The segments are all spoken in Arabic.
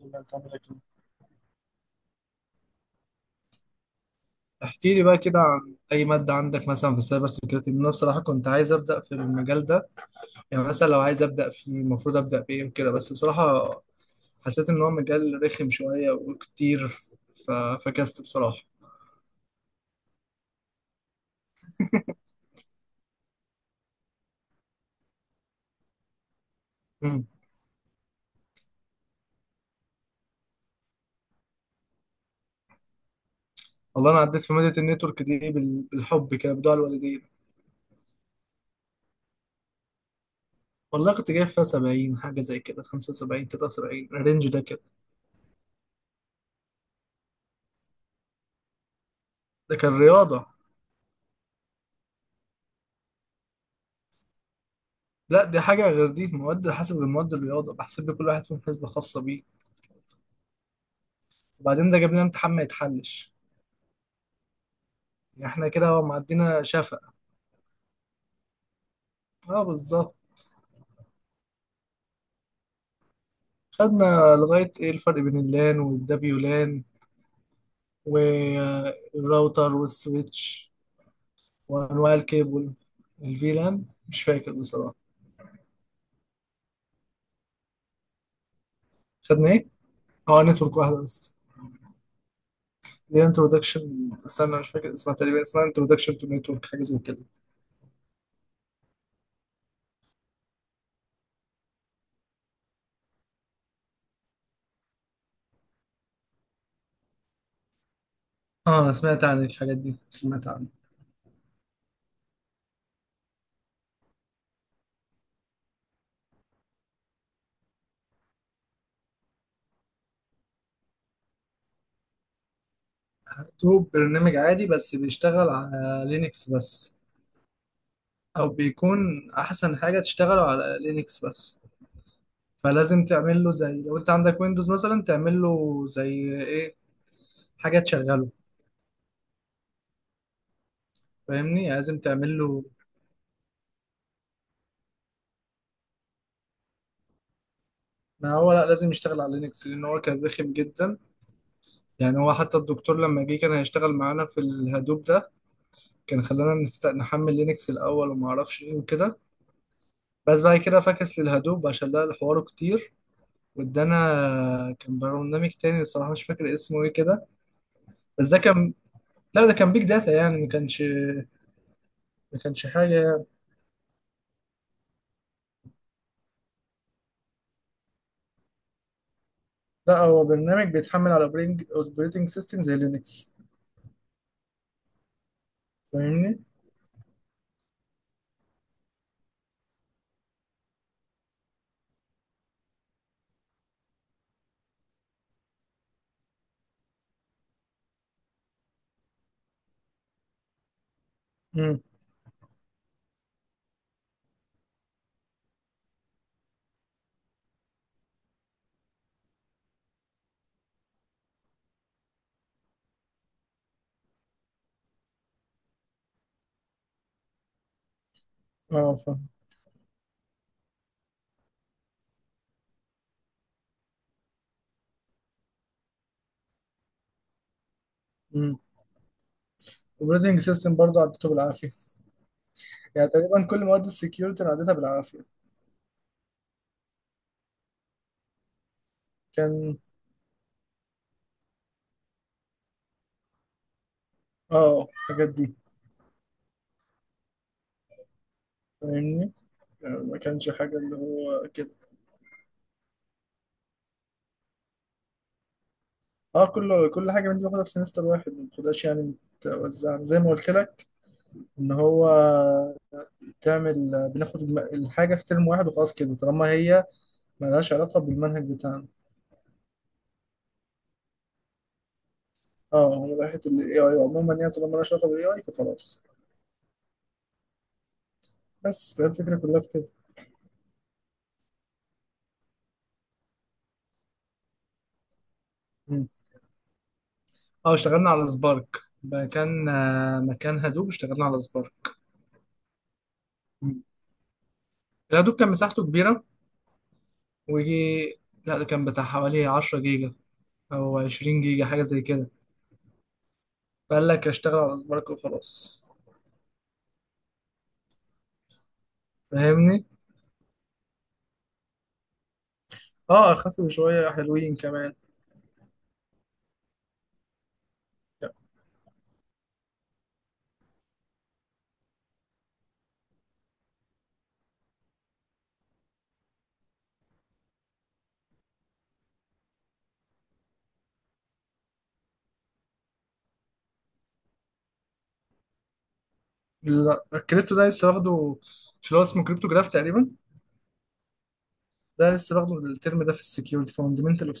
الله يخليك لك. احكي لي بقى كده عن اي ماده عندك مثلا في السايبر سيكيورتي، لأن انا بصراحه كنت عايز ابدا في المجال ده. يعني مثلا لو عايز ابدا فيه المفروض ابدا بايه وكده، بس بصراحه حسيت ان هو مجال رخم شويه وكتير. ف- فكست بصراحه. مم. والله انا عديت في ماده النتورك دي بالحب كده بدعاء الوالدين. والله كنت جايب فيها 70 حاجه زي كده، 75، 79، الرينج ده كده. ده كان رياضه. لا دي حاجه غير، دي مواد حسب المواد، الرياضه بحسب لكل واحد فيهم حسبه خاصه بيه. وبعدين ده جاب لنا امتحان ما يتحلش، يعني احنا كده معدينا شفق. اه بالظبط. خدنا لغاية ايه الفرق بين اللان والدبيولان، والراوتر والسويتش، وانواع الكيبل. الفيلان مش فاكر بصراحة. خدنا ايه؟ اه نتورك واحدة بس. دي انترودكشن، استنى مش فاكر اسمها، تقريبا اسمها انترودكشن تو نتورك حاجة زي كده. اه انا سمعت عن الحاجات دي، سمعت عنها. مكتوب برنامج عادي بس بيشتغل على لينكس بس، او بيكون احسن حاجه تشتغله على لينكس بس. فلازم تعمل له زي، لو انت عندك ويندوز مثلا تعمل له زي ايه، حاجه تشغله. فاهمني يعني لازم تعمل له. ما هو لا لازم يشتغل على لينكس لان هو كان رخم جدا. يعني هو حتى الدكتور لما جه كان هيشتغل معانا في الهدوب ده، كان خلانا نفتح نحمل لينكس الاول وما اعرفش ايه وكده. بس بعد كده فكس للهدوب عشان لقى الحوار كتير وادانا. كان برنامج تاني الصراحه مش فاكر اسمه ايه كده. بس ده كان، لا ده كان بيج داتا يعني ما كانش حاجة. لا هو برنامج بيتحمل على اوبريتنج سيستم زي لينكس. فاهمني؟ امم. اه فاهم. امم. اوبريتنج سيستم برضه عديته بالعافية، يعني تقريبا كل مواد السكيورتي انا عديتها بالعافية. كان اه الحاجات دي. فاهمني؟ يعني ما كانش حاجة اللي هو كده. اه كل حاجة من دي باخدها في سمستر واحد ما باخدهاش، يعني متوزعة زي ما قلت لك ان هو تعمل بناخد الحاجة في ترم واحد وخلاص كده طالما هي ملهاش علاقة بالمنهج بتاعنا. اه هي راحت ال AI عموما يعني طالما لها علاقة بال AI فخلاص. بس فهي الفكرة كلها في كده. مم. اه اشتغلنا على سبارك، مكان آه، مكان هدوب اشتغلنا على سبارك. مم. الهدوب كان مساحته كبيرة. ويجي، لا ده كان بتاع حوالي 10 جيجا أو 20 جيجا حاجة زي كده. فقال لك أشتغل على سبارك وخلاص. فاهمني؟ اه اخف شوية، حلوين كمان. لا، الكريبتو ده لسه واخده، مش اللي هو اسمه كريبتو جراف تقريبا. ده لسه واخده الترم ده في السكيورتي فاندمنتال اوف.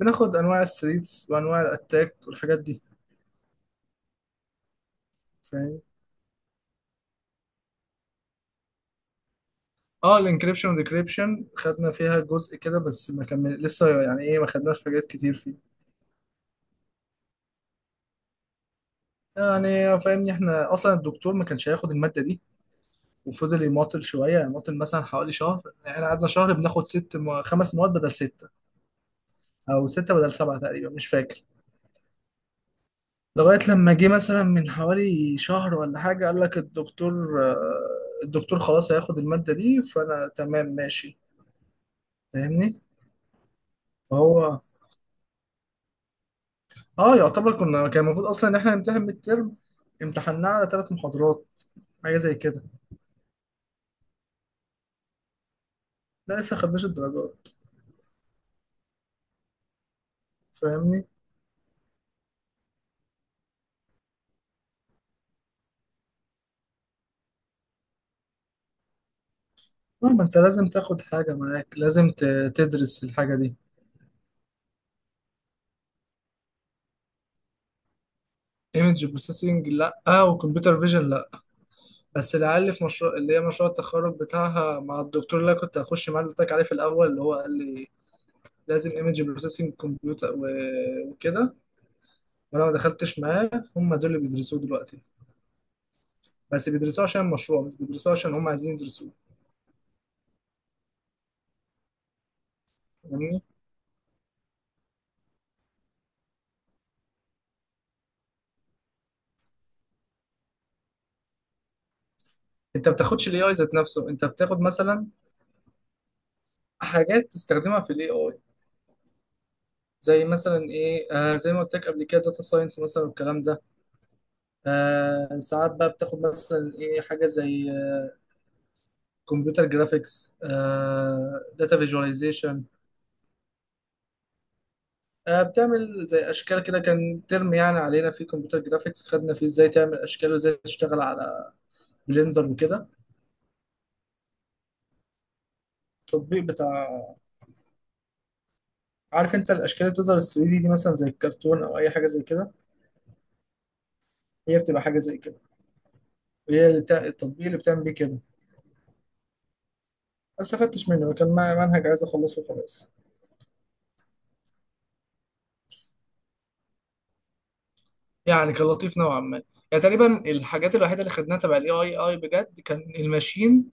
بناخد انواع الثريتس وانواع الاتاك والحاجات دي. فاهم. اه الانكريبشن والديكريبشن خدنا فيها جزء كده، بس ما كمل لسه يعني ايه ما خدناش حاجات كتير فيه. يعني فاهمني احنا اصلا الدكتور ما كانش هياخد الماده دي، وفضل يماطل شويه يعني يماطل مثلا حوالي شهر. احنا قعدنا شهر بناخد خمس مواد بدل سته، او سته بدل سبعه تقريبا مش فاكر. لغايه لما جه مثلا من حوالي شهر ولا حاجه قال لك الدكتور آه، الدكتور خلاص هياخد الماده دي. فانا تمام ماشي. فاهمني. فهو اه يعتبر كنا، كان المفروض اصلا ان احنا نمتحن ميد ترم، امتحناه على 3 محاضرات حاجه زي كده. لا لسه خدناش الدرجات. فاهمني. اه ما انت لازم تاخد حاجه معاك، لازم تدرس الحاجه دي. ايمج بروسيسنج لا، آه وكمبيوتر فيجن لا. بس العيال اللي في مشروع، اللي هي مشروع التخرج بتاعها مع الدكتور اللي أنا كنت هخش معاه، اللي قلت لك عليه في الاول، اللي هو قال لي لازم ايمج بروسيسنج كمبيوتر وكده. وانا ما دخلتش معاه. هم دول اللي بيدرسوه دلوقتي، بس بيدرسوه عشان المشروع مش بيدرسوه عشان هم عايزين يدرسوه. فاهمني؟ انت ما بتاخدش الاي اي ذات نفسه، انت بتاخد مثلا حاجات تستخدمها في الاي اي. زي مثلا ايه آه زي ما قلت لك قبل كده داتا ساينس مثلا والكلام ده. آه ساعات بقى بتاخد مثلا ايه، حاجه زي كمبيوتر جرافيكس، داتا فيجواليزيشن. بتعمل زي اشكال كده، كان ترم يعني علينا في كمبيوتر جرافيكس خدنا فيه ازاي تعمل اشكال وازاي تشتغل على بلندر وكده. التطبيق بتاع. عارف انت الاشكال اللي بتظهر ال 3D دي دي مثلا زي الكرتون او اي حاجه زي كده، هي بتبقى حاجه زي كده. هي التطبيق اللي بتعمل بيه كده، ما استفدتش منه، كان منهج عايز اخلصه وخلاص. يعني كان لطيف نوعا ما. يعني تقريبا الحاجات الوحيده اللي خدناها تبع الاي اي اي بجد كان الماشين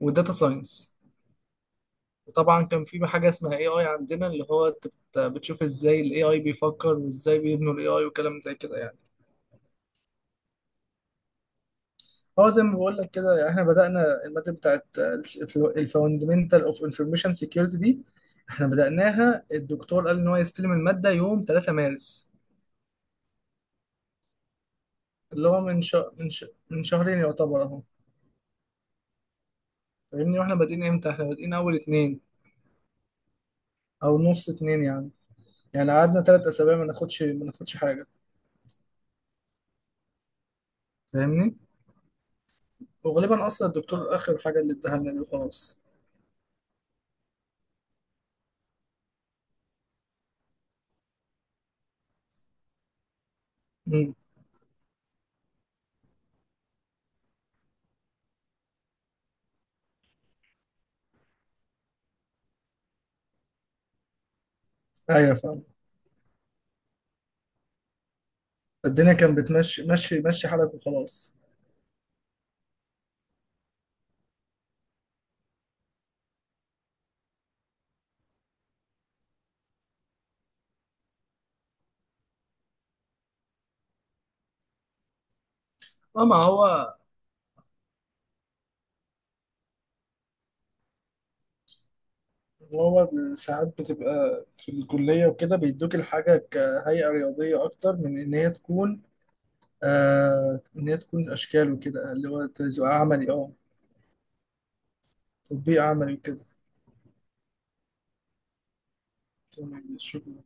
والداتا ساينس. وطبعا كان في حاجه اسمها اي اي عندنا اللي هو انت بتشوف ازاي الاي اي بيفكر وازاي بيبنوا الاي اي وكلام زي كده يعني. هو زي ما بقول لك كده، يعني احنا بدأنا المادة بتاعت الفاندمنتال اوف انفورميشن سيكيورتي دي، احنا بدأناها الدكتور قال ان هو يستلم المادة يوم 3 مارس. اللي هو من شهر من شهرين يعتبر اهو. فاهمني. واحنا بادئين امتى؟ احنا بادئين اول اتنين او نص اتنين يعني. يعني قعدنا 3 اسابيع ما ناخدش حاجه. فاهمني. وغالبا اصلا الدكتور اخر حاجه اللي اداها لنا دي وخلاص. امم. ايوه فاهم. الدنيا كانت بتمشي مشي مشي حالك وخلاص. اه ما هو هو ساعات بتبقى في الكليه وكده بيدوك الحاجه كهيئه رياضيه اكتر من ان هي تكون آه ان هي تكون اشكال وكده اللي هو تبقى عملي اه، تطبيق عملي وكده. تمام شكرا.